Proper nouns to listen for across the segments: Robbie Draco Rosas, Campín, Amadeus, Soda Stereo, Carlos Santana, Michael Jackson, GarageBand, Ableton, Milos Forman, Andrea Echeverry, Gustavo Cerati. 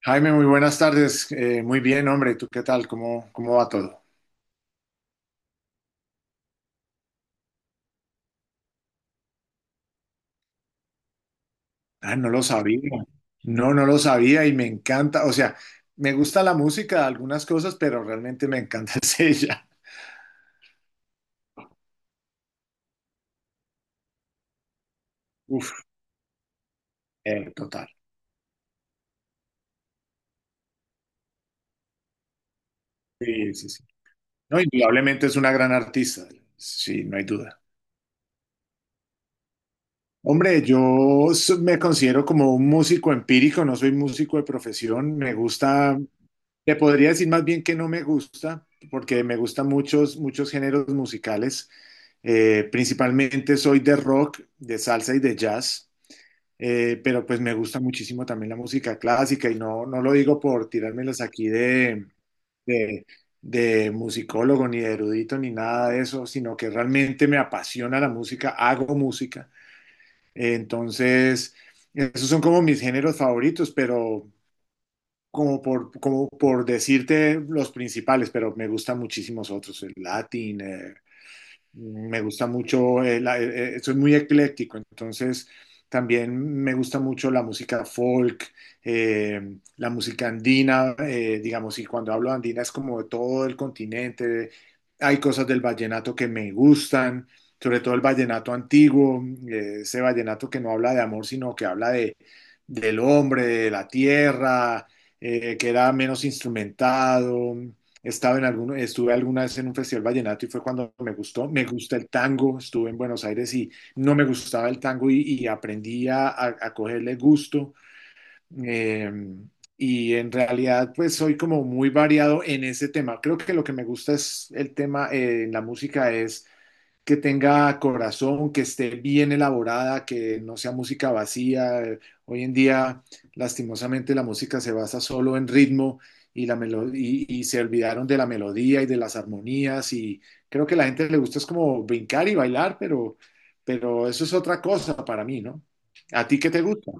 Jaime, muy buenas tardes. Muy bien, hombre. ¿Tú qué tal? ¿Cómo va todo? Ah, no lo sabía. No, no lo sabía y me encanta. O sea, me gusta la música, algunas cosas, pero realmente me encanta es ella. Uf, total. Sí, sí, sí. No, indudablemente es una gran artista. Sí, no hay duda. Hombre, me considero como un músico empírico, no soy músico de profesión. Me gusta. Te podría decir más bien que no me gusta, porque me gustan muchos, muchos géneros musicales. Principalmente soy de rock, de salsa y de jazz, pero pues me gusta muchísimo también la música clásica y no, no lo digo por tirármelas aquí de, de musicólogo ni de erudito ni nada de eso, sino que realmente me apasiona la música, hago música. Entonces, esos son como mis géneros favoritos, pero como por decirte los principales, pero me gustan muchísimos otros, el Latin, me gusta mucho, soy muy ecléctico, entonces también me gusta mucho la música folk, eh, la música andina, digamos, y cuando hablo de andina es como de todo el continente. Hay cosas del vallenato que me gustan, sobre todo el vallenato antiguo, ese vallenato que no habla de amor, sino que habla del hombre, de la tierra, que era menos instrumentado. Estuve alguna vez en un festival vallenato y fue cuando me gustó. Me gusta el tango, estuve en Buenos Aires y no me gustaba el tango y aprendí a cogerle gusto. Eh, y en realidad, pues soy como muy variado en ese tema. Creo que lo que me gusta es el tema en la música es que tenga corazón, que esté bien elaborada, que no sea música vacía. Hoy en día, lastimosamente, la música se basa solo en ritmo y se olvidaron de la melodía y de las armonías y creo que a la gente le gusta es como brincar y bailar, pero eso es otra cosa para mí, ¿no? ¿A ti qué te gusta?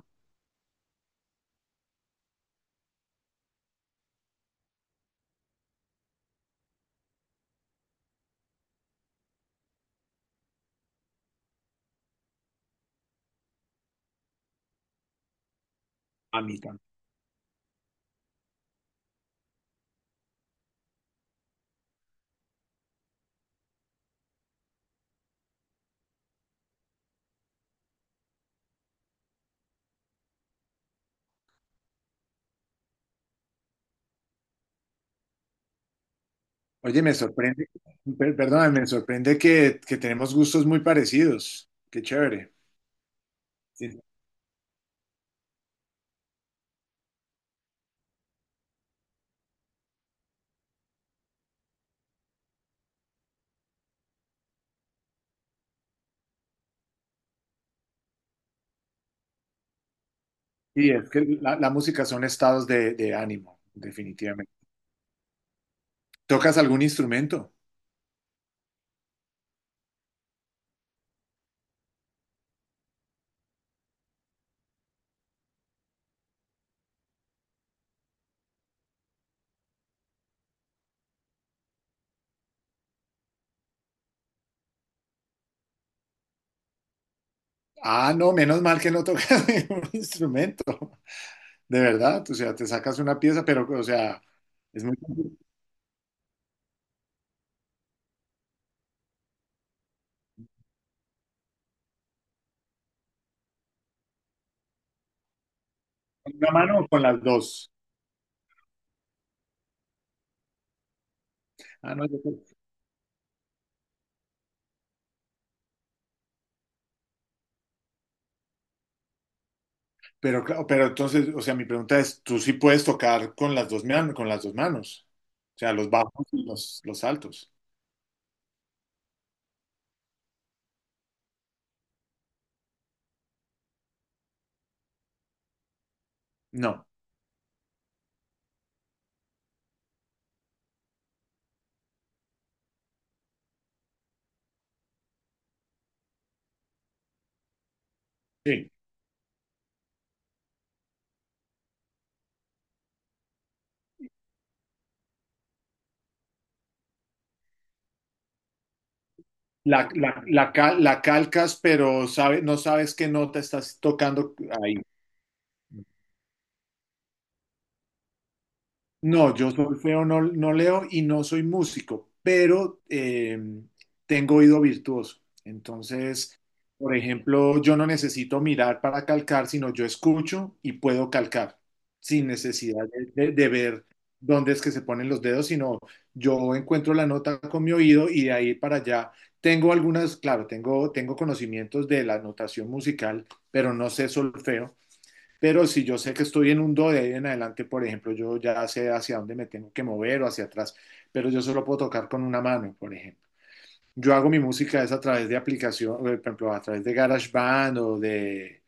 A mí también. Oye, me sorprende, perdóname, me sorprende que tenemos gustos muy parecidos. Qué chévere. Sí, es que la música son estados de ánimo, definitivamente. ¿Tocas algún instrumento? Ah, no, menos mal que no tocas ningún instrumento, de verdad. O sea, te sacas una pieza, pero, o sea, es muy complicado. ¿Con una mano o con las dos? Ah, no, pero, claro, pero entonces, o sea, mi pregunta es, ¿tú sí puedes tocar con las dos, con las dos manos? O sea, los bajos y los altos. No, sí. La calcas, pero no sabes qué nota estás tocando ahí. No, yo solfeo no, no leo y no soy músico, pero tengo oído virtuoso. Entonces, por ejemplo, yo no necesito mirar para calcar, sino yo escucho y puedo calcar sin necesidad de ver dónde es que se ponen los dedos, sino yo encuentro la nota con mi oído y de ahí para allá. Claro, tengo conocimientos de la notación musical, pero no sé solfeo. Pero si yo sé que estoy en un do de ahí en adelante, por ejemplo, yo ya sé hacia dónde me tengo que mover o hacia atrás, pero yo solo puedo tocar con una mano, por ejemplo. Yo hago mi música es a través de aplicación, por ejemplo, a través de GarageBand o de,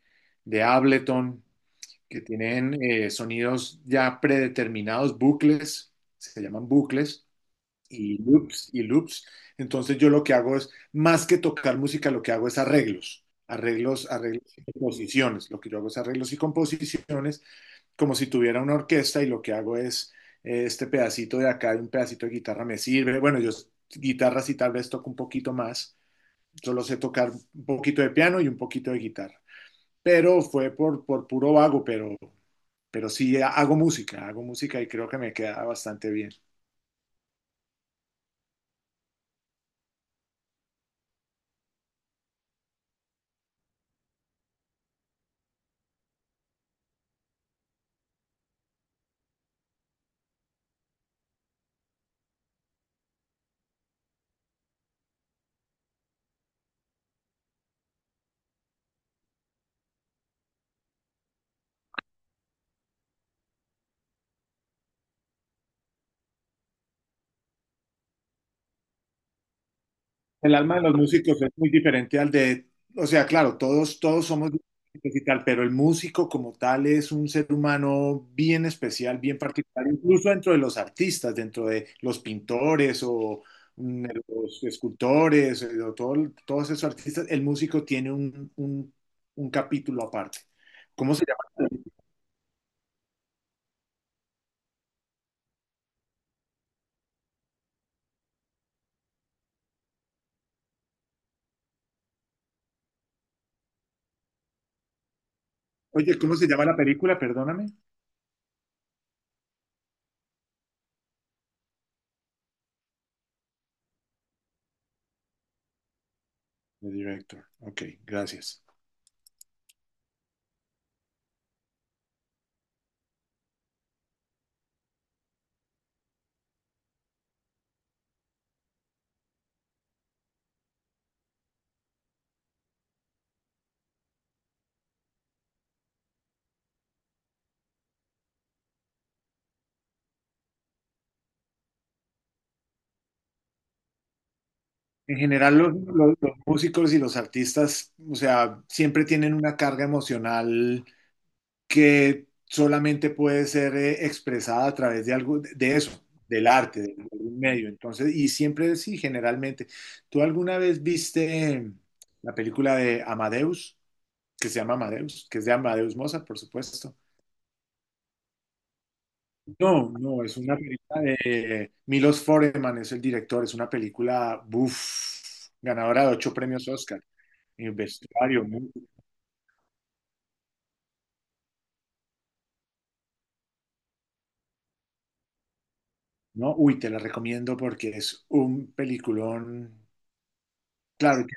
de Ableton, que tienen sonidos ya predeterminados, bucles, se llaman bucles, y loops, y loops. Entonces yo lo que hago es, más que tocar música, lo que hago es arreglos, arreglos, arreglos y composiciones. Lo que yo hago es arreglos y composiciones como si tuviera una orquesta y lo que hago es este pedacito de acá y un pedacito de guitarra me sirve. Bueno, guitarra sí tal vez toco un poquito más, solo sé tocar un poquito de piano y un poquito de guitarra, pero fue por puro vago, pero sí hago música y creo que me queda bastante bien. El alma de los músicos es muy diferente al de, o sea, claro, todos somos diferentes y tal, pero el músico como tal es un ser humano bien especial, bien particular, incluso dentro de los artistas, dentro de los pintores o de los escultores, o todos esos artistas, el músico tiene un capítulo aparte. ¿Cómo se llama? Oye, ¿cómo se llama la película? Perdóname. The Director. Ok, gracias. En general, los músicos y los artistas, o sea, siempre tienen una carga emocional que solamente puede ser expresada a través de algo, de eso, del arte, de algún medio. Entonces, y siempre sí, generalmente. ¿Tú alguna vez viste la película de Amadeus, que se llama Amadeus, que es de Amadeus Mozart, por supuesto? No, no, es una película de Milos Forman, es el director, es una película, buf, ganadora de 8 premios Oscar. Y vestuario, ¿no? Uy, te la recomiendo porque es un peliculón. Claro, que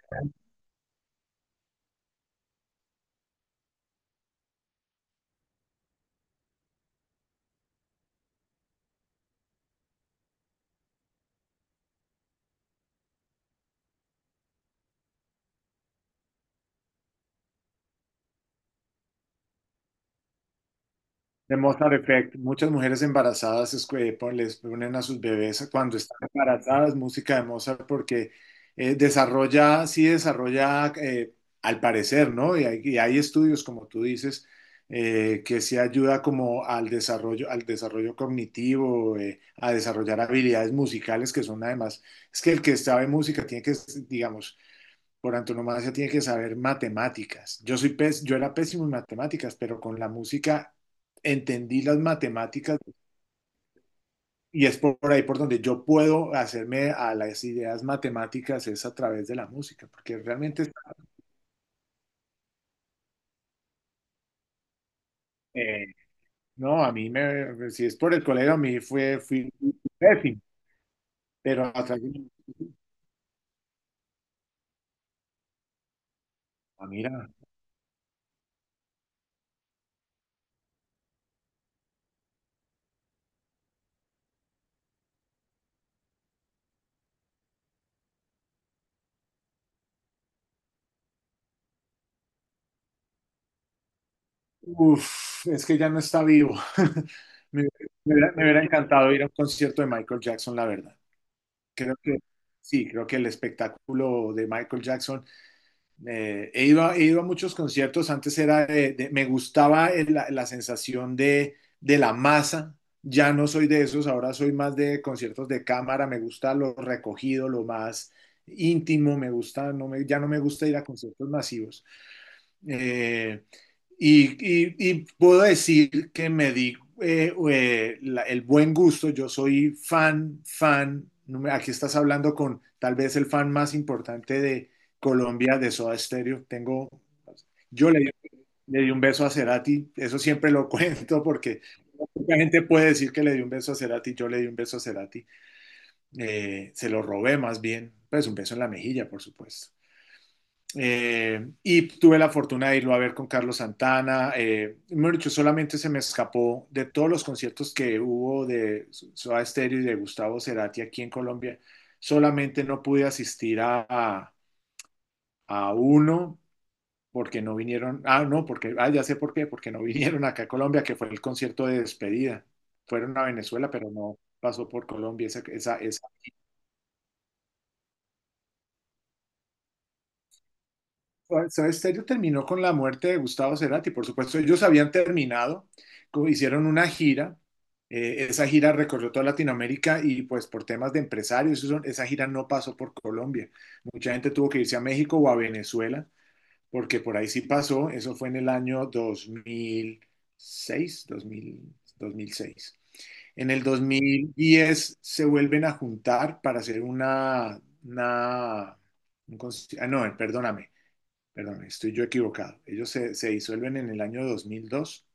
de Mozart Effect. Muchas mujeres embarazadas es que les ponen a sus bebés cuando están embarazadas música de Mozart porque desarrolla, sí desarrolla, al parecer, ¿no? Y hay estudios, como tú dices, que sí ayuda como al desarrollo cognitivo, a desarrollar habilidades musicales que son además, es que el que sabe música tiene que, digamos, por antonomasia tiene que saber matemáticas. Yo era pésimo en matemáticas, pero con la música entendí las matemáticas y es por ahí por donde yo puedo hacerme a las ideas matemáticas es a través de la música, porque realmente eh, no, a mí me si es por el colegio a mí fue fui pésimo, pero a través de ah, mira, uf, es que ya no está vivo. Me, me hubiera encantado ir a un concierto de Michael Jackson, la verdad. Creo que sí, creo que el espectáculo de Michael Jackson, he ido a muchos conciertos, antes era la sensación de la masa, ya no soy de esos, ahora soy más de conciertos de cámara, me gusta lo recogido, lo más íntimo, me gusta, ya no me gusta ir a conciertos masivos. Eh, y puedo decir que me di el buen gusto. Yo soy fan, fan. No, Aquí estás hablando con tal vez el fan más importante de Colombia, de Soda Stereo. Yo le di un beso a Cerati. Eso siempre lo cuento porque mucha gente puede decir que le di un beso a Cerati. Yo le di un beso a Cerati. Se lo robé más bien. Pues un beso en la mejilla, por supuesto. Y tuve la fortuna de irlo a ver con Carlos Santana. Mejor dicho, solamente se me escapó de todos los conciertos que hubo de Soda Stereo y de Gustavo Cerati aquí en Colombia. Solamente no pude asistir a uno porque no vinieron. Ah, no, porque ya sé por qué, porque no vinieron acá a Colombia, que fue el concierto de despedida. Fueron a Venezuela, pero no pasó por Colombia esa. Soda Stereo terminó con la muerte de Gustavo Cerati, por supuesto. Ellos habían terminado, hicieron una gira. Esa gira recorrió toda Latinoamérica y pues por temas de empresarios, esa gira no pasó por Colombia. Mucha gente tuvo que irse a México o a Venezuela, porque por ahí sí pasó. Eso fue en el año seis dos mil 2006. En el 2010 se vuelven a juntar para hacer una ah, no, perdón, estoy yo equivocado. Ellos se disuelven en el año 2002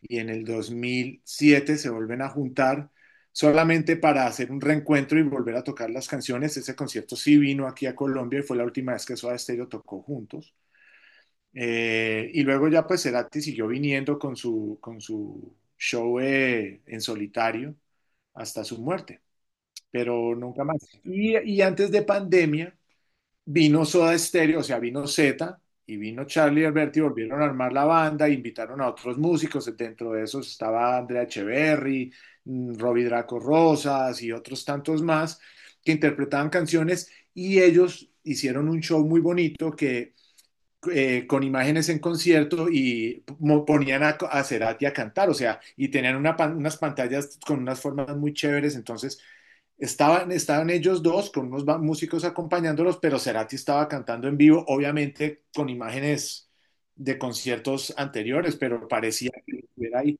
y en el 2007 se vuelven a juntar solamente para hacer un reencuentro y volver a tocar las canciones. Ese concierto sí vino aquí a Colombia y fue la última vez que Soda Stereo tocó juntos. Y luego ya pues Cerati siguió viniendo con su show en solitario hasta su muerte, pero nunca más. Y antes de pandemia, vino Soda Stereo, o sea, vino Zeta y vino Charlie y Alberti, volvieron a armar la banda, invitaron a otros músicos, dentro de esos estaba Andrea Echeverry, Robbie Draco Rosas y otros tantos más que interpretaban canciones y ellos hicieron un show muy bonito que con imágenes en concierto y ponían a Cerati a cantar, o sea, y tenían unas pantallas con unas formas muy chéveres, entonces estaban ellos dos con músicos acompañándolos, pero Cerati estaba cantando en vivo, obviamente con imágenes de conciertos anteriores, pero parecía que estuviera ahí.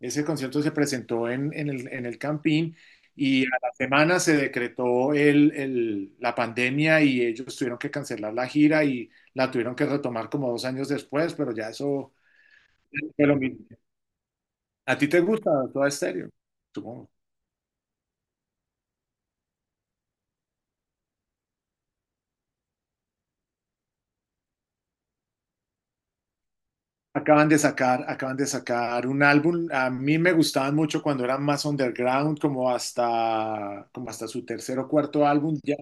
Ese concierto se presentó en el Campín y a la semana se decretó la pandemia y ellos tuvieron que cancelar la gira y la tuvieron que retomar como 2 años después, pero ya eso fue lo mismo. ¿A ti te gusta Toda Estéreo? Supongo. Acaban de sacar un álbum. A mí me gustaban mucho cuando eran más underground, como hasta su tercer o cuarto álbum. Ya...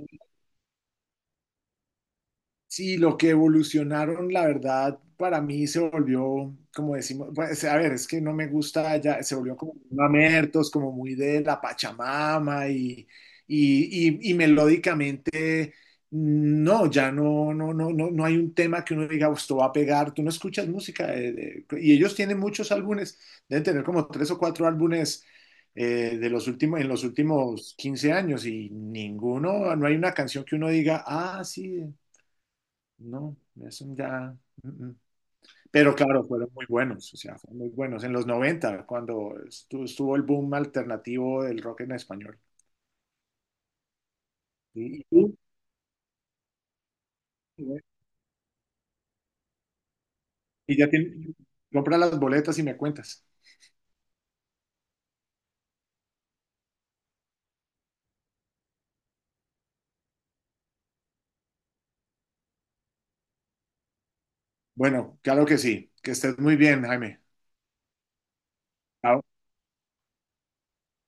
Sí, lo que evolucionaron, la verdad, para mí se volvió, como decimos, pues, a ver, es que no me gusta ya, se volvió como muy mamertos, como muy de la Pachamama y melódicamente, no, ya no, no hay un tema que uno diga, "Oh, esto va a pegar, tú no escuchas música, y ellos tienen muchos álbumes, deben tener como tres o cuatro álbumes de los últimos, en los últimos 15 años y ninguno, no hay una canción que uno diga, ah, sí. No, eso ya. Mm, mm. Pero claro, fueron muy buenos, o sea, fueron muy buenos. En los 90 cuando estuvo el boom alternativo del rock en español. Y tú, eh, y ya tienes, compra las boletas y me cuentas. Bueno, claro que sí. Que estés muy bien, Jaime.